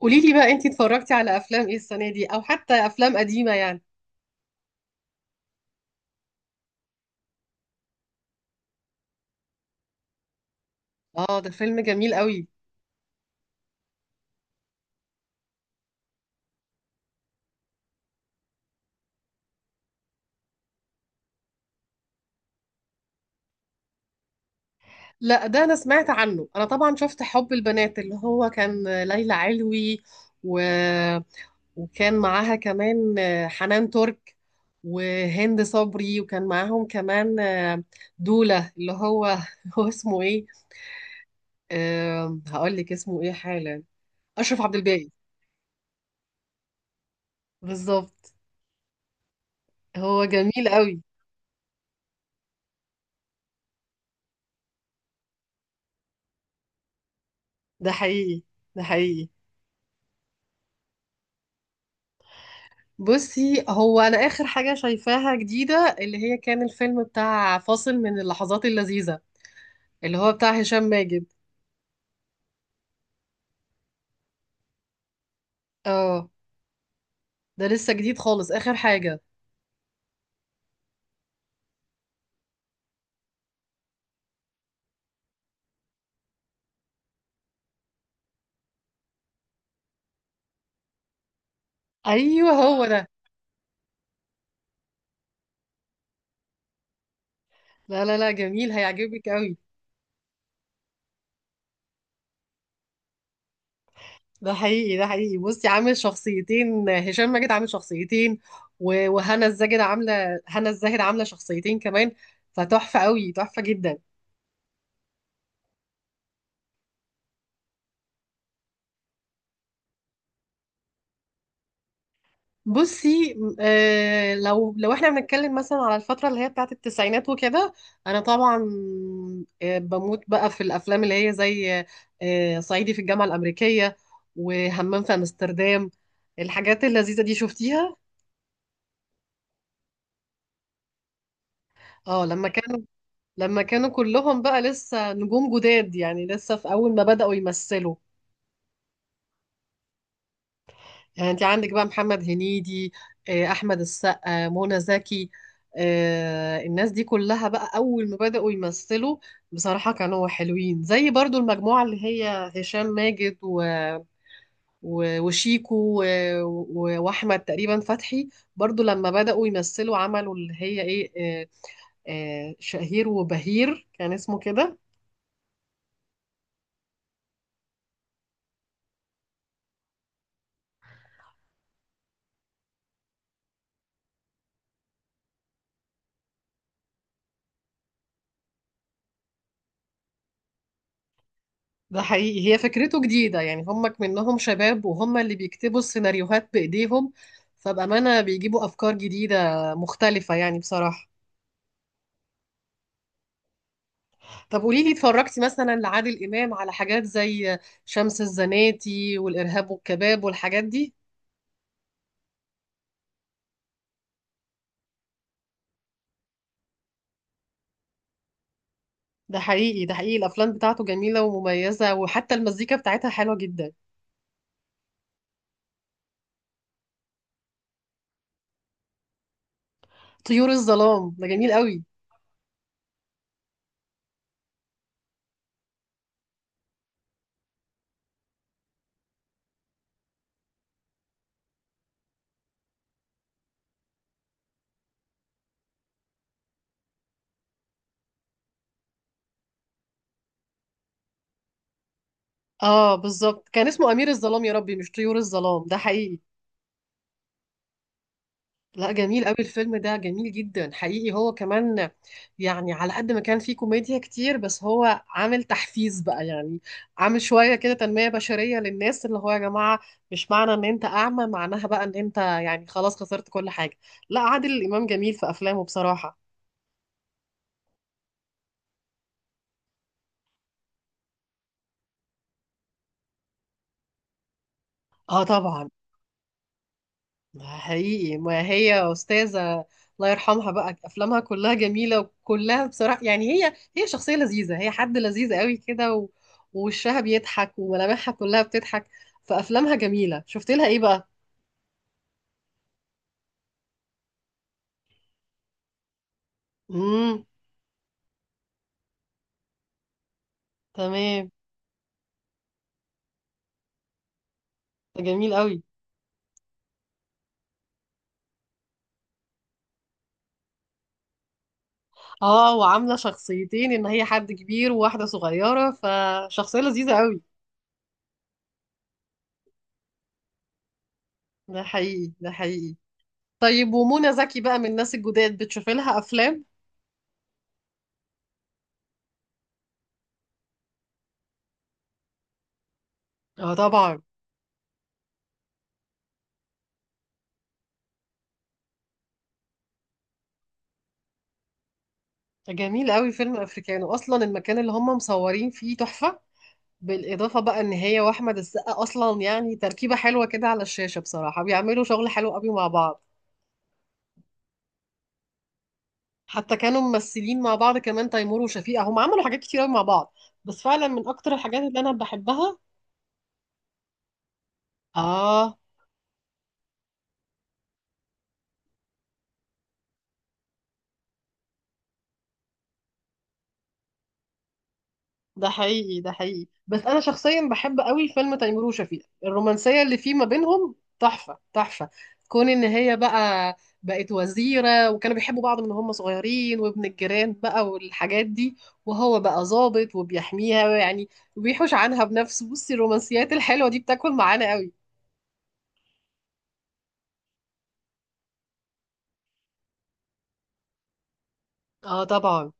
قولي لي بقى، انتي اتفرجتي على افلام ايه السنه دي او حتى افلام قديمه يعني؟ اه، ده فيلم جميل قوي. لا، ده انا سمعت عنه. انا طبعا شفت حب البنات اللي هو كان ليلى علوي، و... وكان معاها كمان حنان ترك وهند صبري، وكان معاهم كمان دولة اللي هو هو اسمه ايه؟ هقول لك اسمه ايه حالا. اشرف عبد الباقي. بالظبط، هو جميل قوي. ده حقيقي، ده حقيقي. بصي، هو انا اخر حاجه شايفاها جديده اللي هي كان الفيلم بتاع فاصل من اللحظات اللذيذه، اللي هو بتاع هشام ماجد. اه، ده لسه جديد خالص، اخر حاجه. ايوه، هو ده. لا لا لا، جميل هيعجبك قوي. ده حقيقي، ده حقيقي. بصي، عامل شخصيتين، هشام ماجد عامل شخصيتين و- وهنا الزاهد عامله هنا الزاهد عامله شخصيتين كمان. فتحفه قوي، تحفه جدا. بصي، لو احنا بنتكلم مثلا على الفترة اللي هي بتاعت التسعينات وكده. انا طبعا بموت بقى في الافلام اللي هي زي صعيدي في الجامعة الأمريكية، وهمام في امستردام. الحاجات اللذيذة دي شفتيها؟ اه، لما كانوا كلهم بقى لسه نجوم جداد يعني، لسه في اول ما بدأوا يمثلوا. يعني انت عندك بقى محمد هنيدي، احمد السقا، منى زكي، الناس دي كلها بقى اول ما بدأوا يمثلوا. بصراحة كانوا حلوين، زي برضو المجموعة اللي هي هشام ماجد وشيكو واحمد تقريبا فتحي. برضو لما بدأوا يمثلوا عملوا اللي هي ايه، آه، شهير وبهير كان اسمه كده. ده حقيقي، هي فكرته جديدة. يعني هم منهم شباب، وهم اللي بيكتبوا السيناريوهات بإيديهم، فبأمانة بيجيبوا أفكار جديدة مختلفة يعني بصراحة. طب قولي لي، اتفرجتي مثلا لعادل إمام على حاجات زي شمس الزناتي والإرهاب والكباب والحاجات دي؟ ده حقيقي، ده حقيقي. الأفلام بتاعته جميلة ومميزة، وحتى المزيكا بتاعتها حلوة جدا. طيور الظلام ده جميل قوي. اه، بالظبط، كان اسمه أمير الظلام يا ربي، مش طيور الظلام. ده حقيقي. لا، جميل قوي، الفيلم ده جميل جدا حقيقي هو كمان. يعني على قد ما كان فيه كوميديا كتير، بس هو عامل تحفيز بقى، يعني عامل شوية كده تنمية بشرية للناس، اللي هو يا جماعة، مش معنى ان انت اعمى معناها بقى ان انت يعني خلاص خسرت كل حاجة. لا، عادل الإمام جميل في أفلامه بصراحة. اه، طبعا. ده حقيقي، ما هي أستاذة، الله يرحمها بقى. أفلامها كلها جميلة وكلها بصراحة، يعني هي شخصية لذيذة، هي حد لذيذ قوي كده، و- ووشها بيضحك وملامحها كلها بتضحك. فأفلامها جميلة. شفت لها إيه بقى؟ امم. تمام. ده جميل قوي. اه، وعاملة شخصيتين، إن هي حد كبير وواحدة صغيرة، فشخصية لذيذة قوي. ده حقيقي، ده حقيقي. طيب، ومنى زكي بقى من الناس الجداد، بتشوفي لها أفلام؟ اه، طبعا. جميل قوي فيلم افريكانو، اصلا المكان اللي هم مصورين فيه تحفة. بالاضافة بقى ان هي واحمد السقا اصلا يعني تركيبة حلوة كده على الشاشة، بصراحة بيعملوا شغل حلو قوي مع بعض. حتى كانوا ممثلين مع بعض كمان. تيمور وشفيقة هم عملوا حاجات كتير قوي مع بعض، بس فعلا من اكتر الحاجات اللي انا بحبها. اه. ده حقيقي، ده حقيقي. بس انا شخصيا بحب قوي فيلم تيمور وشفيقة، الرومانسيه اللي فيه ما بينهم تحفه تحفه. كون ان هي بقى بقت وزيره، وكانوا بيحبوا بعض من هم صغيرين، وابن الجيران بقى والحاجات دي، وهو بقى ضابط وبيحميها يعني، وبيحوش عنها بنفسه. بصي، الرومانسيات الحلوه دي بتاكل معانا قوي. اه، طبعا.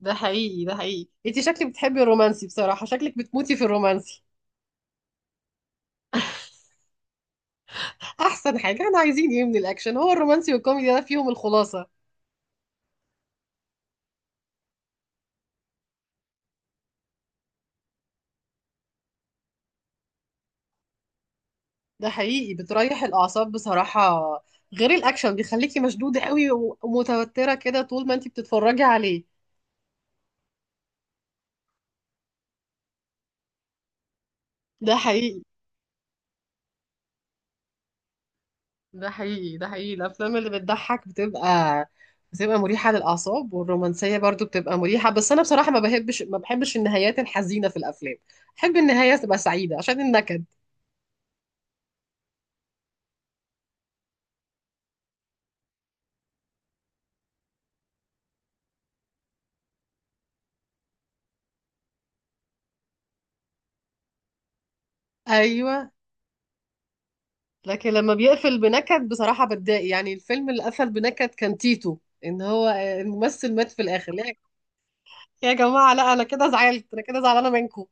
ده حقيقي، ده حقيقي. انت شكلك بتحبي الرومانسي، بصراحه شكلك بتموتي في الرومانسي. احسن حاجه، احنا عايزين ايه من الاكشن؟ هو الرومانسي والكوميدي ده فيهم الخلاصه. ده حقيقي، بتريح الأعصاب بصراحة. غير الأكشن بيخليكي مشدودة قوي و- ومتوترة كده طول ما انتي بتتفرجي عليه. ده حقيقي، ده حقيقي، ده حقيقي. الأفلام اللي بتضحك بتبقى مريحة للأعصاب، والرومانسية برضو بتبقى مريحة. بس أنا بصراحة ما بحبش ما بحبش النهايات الحزينة في الأفلام، بحب النهاية تبقى سعيدة عشان النكد. أيوة. لكن لما بيقفل بنكد بصراحة بتضايق. يعني الفيلم اللي قفل بنكد كان تيتو، إن هو الممثل مات في الآخر. يا جماعة لا، أنا كده زعلت، أنا كده زعلانة منكم.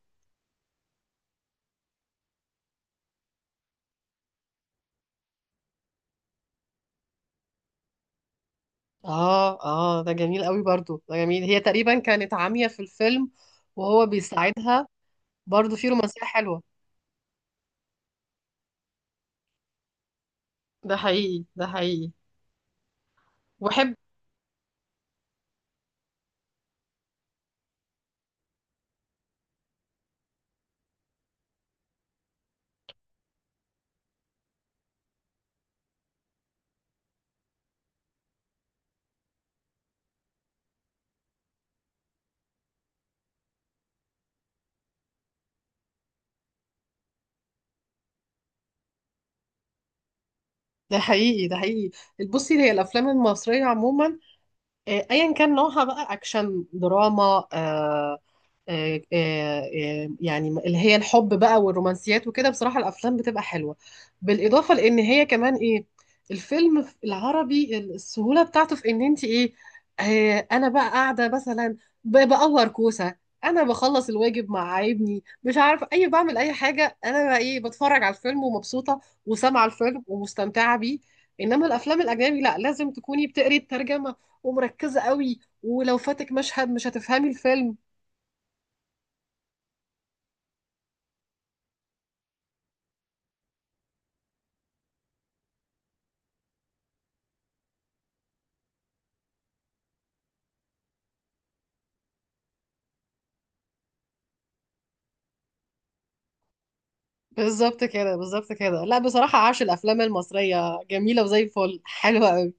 آه آه، ده جميل قوي برضو، ده جميل. هي تقريبا كانت عامية في الفيلم وهو بيساعدها. برضو في رومانسية حلوة. ده حقيقي، ده حقيقي. وحب. ده حقيقي، ده حقيقي. بصي، هي الأفلام المصرية عموما، أيا كان نوعها بقى أكشن دراما، يعني اللي هي الحب بقى والرومانسيات وكده، بصراحة الأفلام بتبقى حلوة. بالإضافة لأن هي كمان إيه، الفيلم في العربي السهولة بتاعته في إن أنت إيه، أنا بقى قاعدة مثلا بقور كوسة، أنا بخلص الواجب مع ابني مش عارف أي بعمل أي حاجة. أنا بقى إيه، بتفرج على الفيلم ومبسوطة وسامعة الفيلم ومستمتعة بيه. إنما الأفلام الأجنبي لأ، لازم تكوني بتقري الترجمة ومركزة قوي، ولو فاتك مشهد مش هتفهمي الفيلم. بالظبط كده، بالظبط كده. لا بصراحة عاش، الأفلام المصرية جميلة وزي الفل حلوة أوي.